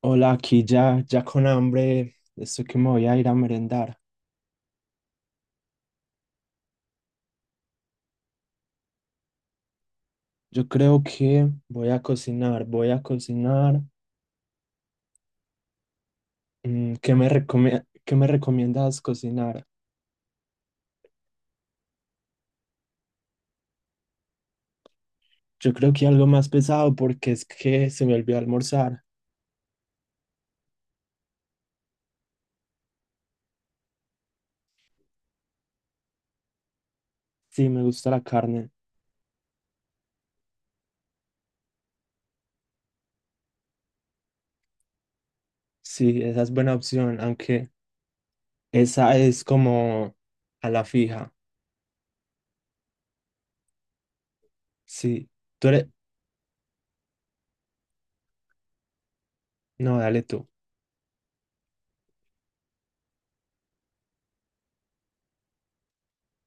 Hola, aquí ya, ya con hambre, estoy que me voy a ir a merendar. Yo creo que voy a cocinar, voy a cocinar. ¿Qué me recomiendas cocinar? Yo creo que algo más pesado porque es que se me olvidó almorzar. Sí, me gusta la carne. Sí, esa es buena opción, aunque esa es como a la fija. Sí, tú eres. No, dale tú.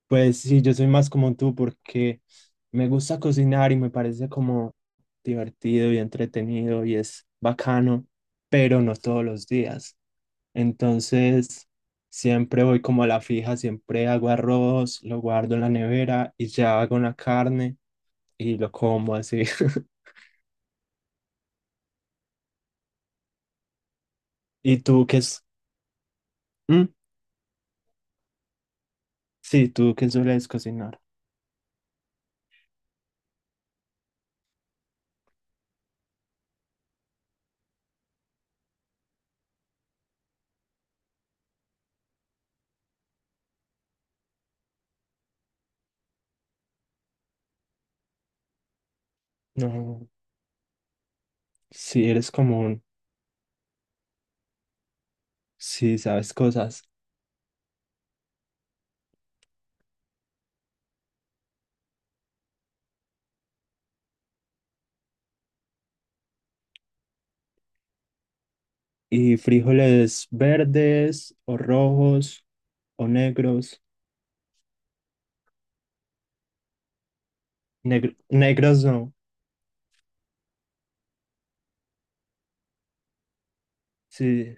Pues sí, yo soy más como tú porque me gusta cocinar y me parece como divertido y entretenido y es bacano, pero no todos los días. Entonces, siempre voy como a la fija, siempre hago arroz, lo guardo en la nevera y ya hago una carne y lo como así. ¿Y tú qué es? ¿Mm? Sí, tú qué sueles cocinar. No, si eres común, si sabes cosas. ¿Y frijoles verdes o rojos? O negros. Negros no. Sí,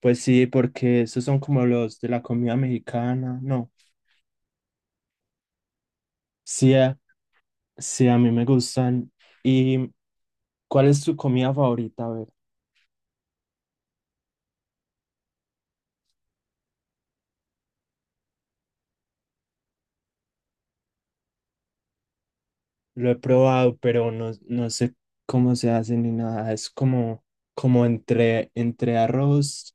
pues sí, porque esos son como los de la comida mexicana. No. Sí, a- sí, a mí me gustan. ¿Y cuál es tu comida favorita? A ver, lo he probado, pero no, no sé cómo se hace ni nada. Es como entre arroz,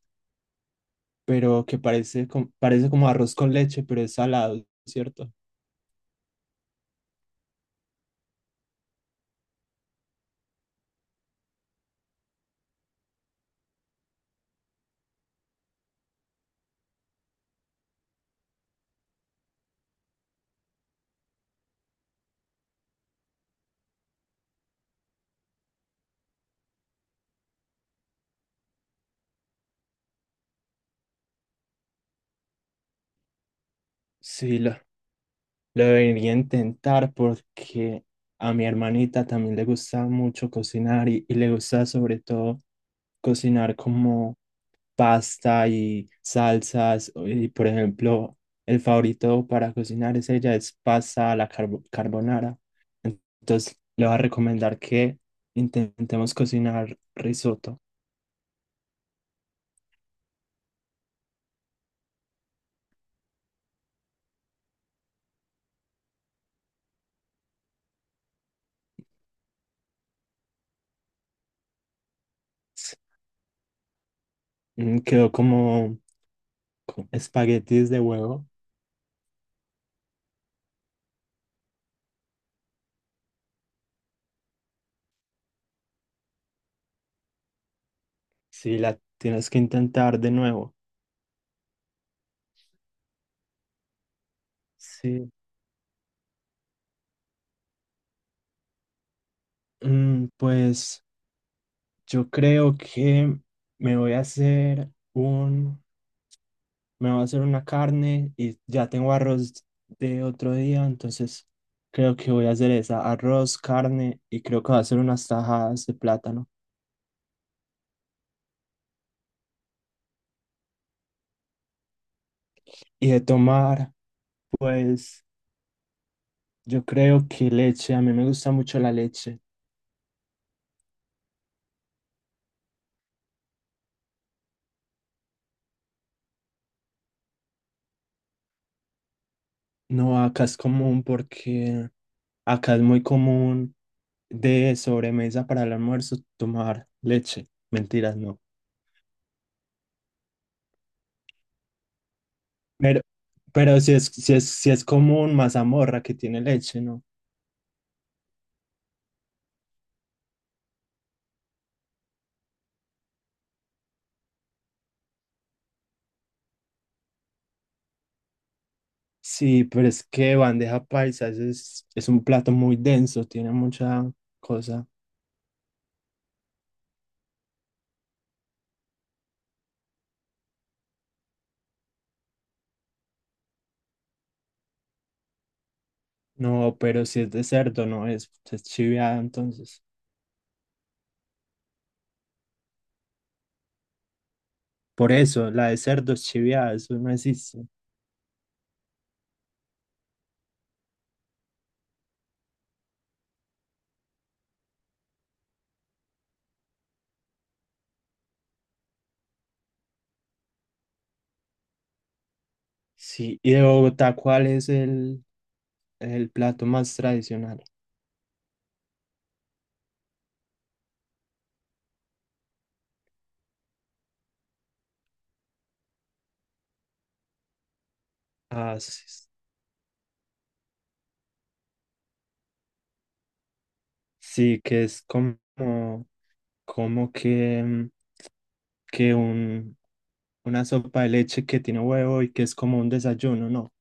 pero que parece como arroz con leche, pero es salado, ¿cierto? Sí, lo debería intentar porque a mi hermanita también le gusta mucho cocinar y le gusta sobre todo cocinar como pasta y salsas. Y por ejemplo, el favorito para cocinar es ella, es pasta a la carbonara. Entonces, le voy a recomendar que intentemos cocinar risotto. Quedó como espaguetis de huevo. Sí, la tienes que intentar de nuevo. Sí. Pues yo creo que me voy a hacer un, me voy a hacer una carne y ya tengo arroz de otro día, entonces creo que voy a hacer esa, arroz, carne y creo que voy a hacer unas tajadas de plátano. Y de tomar, pues yo creo que leche, a mí me gusta mucho la leche. No, acá es común porque acá es muy común de sobremesa para el almuerzo tomar leche. Mentiras, no. Pero, pero si es como un mazamorra que tiene leche, ¿no? Sí, pero es que bandeja paisa es un plato muy denso, tiene mucha cosa. No, pero si es de cerdo, no es chiviada, entonces. Por eso, la de cerdo es chiviada, eso no existe. Sí, y de Bogotá, ¿cuál es el plato más tradicional? Ah, sí, sí, que es como que, que una sopa de leche que tiene huevo y que es como un desayuno, no.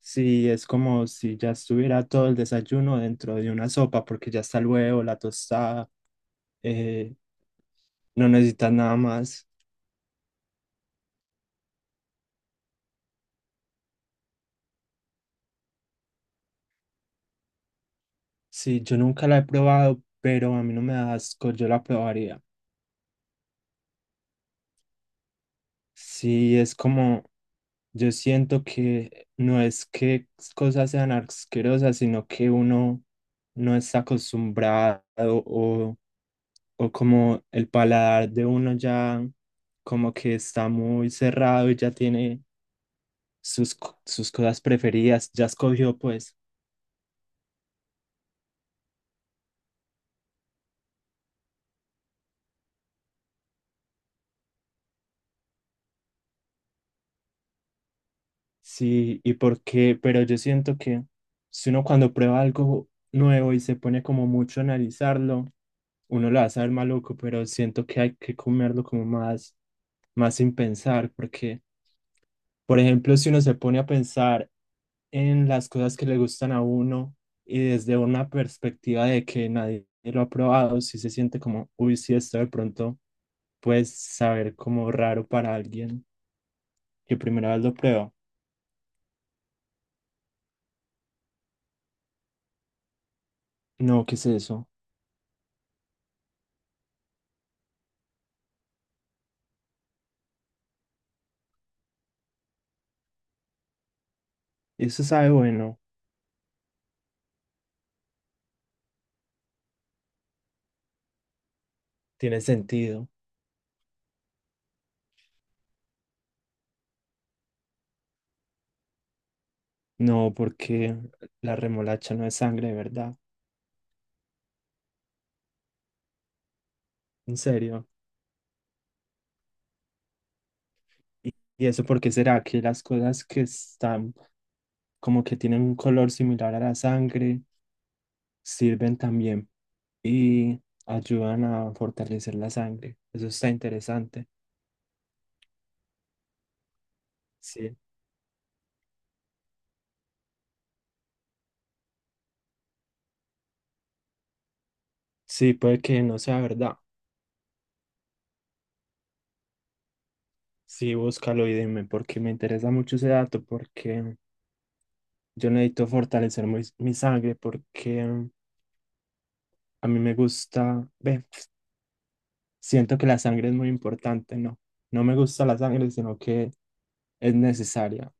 Sí, es como si ya estuviera todo el desayuno dentro de una sopa, porque ya está el huevo, la tostada, eh, no necesitas nada más. Sí, yo nunca la he probado, pero a mí no me da asco, yo la probaría. Sí, es como, yo siento que no es que cosas sean asquerosas, sino que uno no está acostumbrado o como el paladar de uno ya como que está muy cerrado y ya tiene sus cosas preferidas, ya escogió pues, sí, y por qué, pero yo siento que si uno cuando prueba algo nuevo y se pone como mucho a analizarlo, uno lo va a saber maluco, pero siento que hay que comerlo como más, más sin pensar, porque, por ejemplo, si uno se pone a pensar en las cosas que le gustan a uno y desde una perspectiva de que nadie lo ha probado, si se siente como, uy, si esto de pronto puede saber como raro para alguien que primera vez lo prueba. No, ¿qué es eso? Eso sabe bueno, tiene sentido. No, porque la remolacha no es sangre, de ¿verdad? En serio. ¿Y eso por qué será que las cosas que están como que tienen un color similar a la sangre sirven también y ayudan a fortalecer la sangre? Eso está interesante. Sí, sí, puede que no sea verdad. Sí, búscalo y dime, porque me interesa mucho ese dato, porque yo necesito fortalecer mi sangre, porque a mí me gusta, ve, siento que la sangre es muy importante, ¿no? No me gusta la sangre, sino que es necesaria.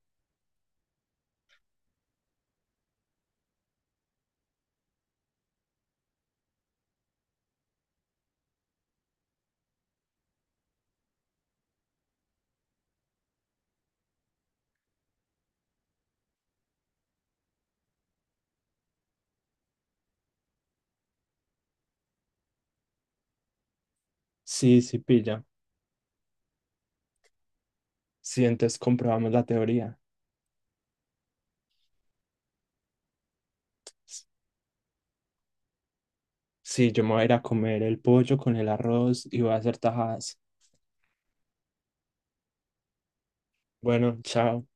Sí, sí, pilla. Sí, entonces comprobamos la teoría. Sí, yo me voy a ir a comer el pollo con el arroz y voy a hacer tajadas. Bueno, chao.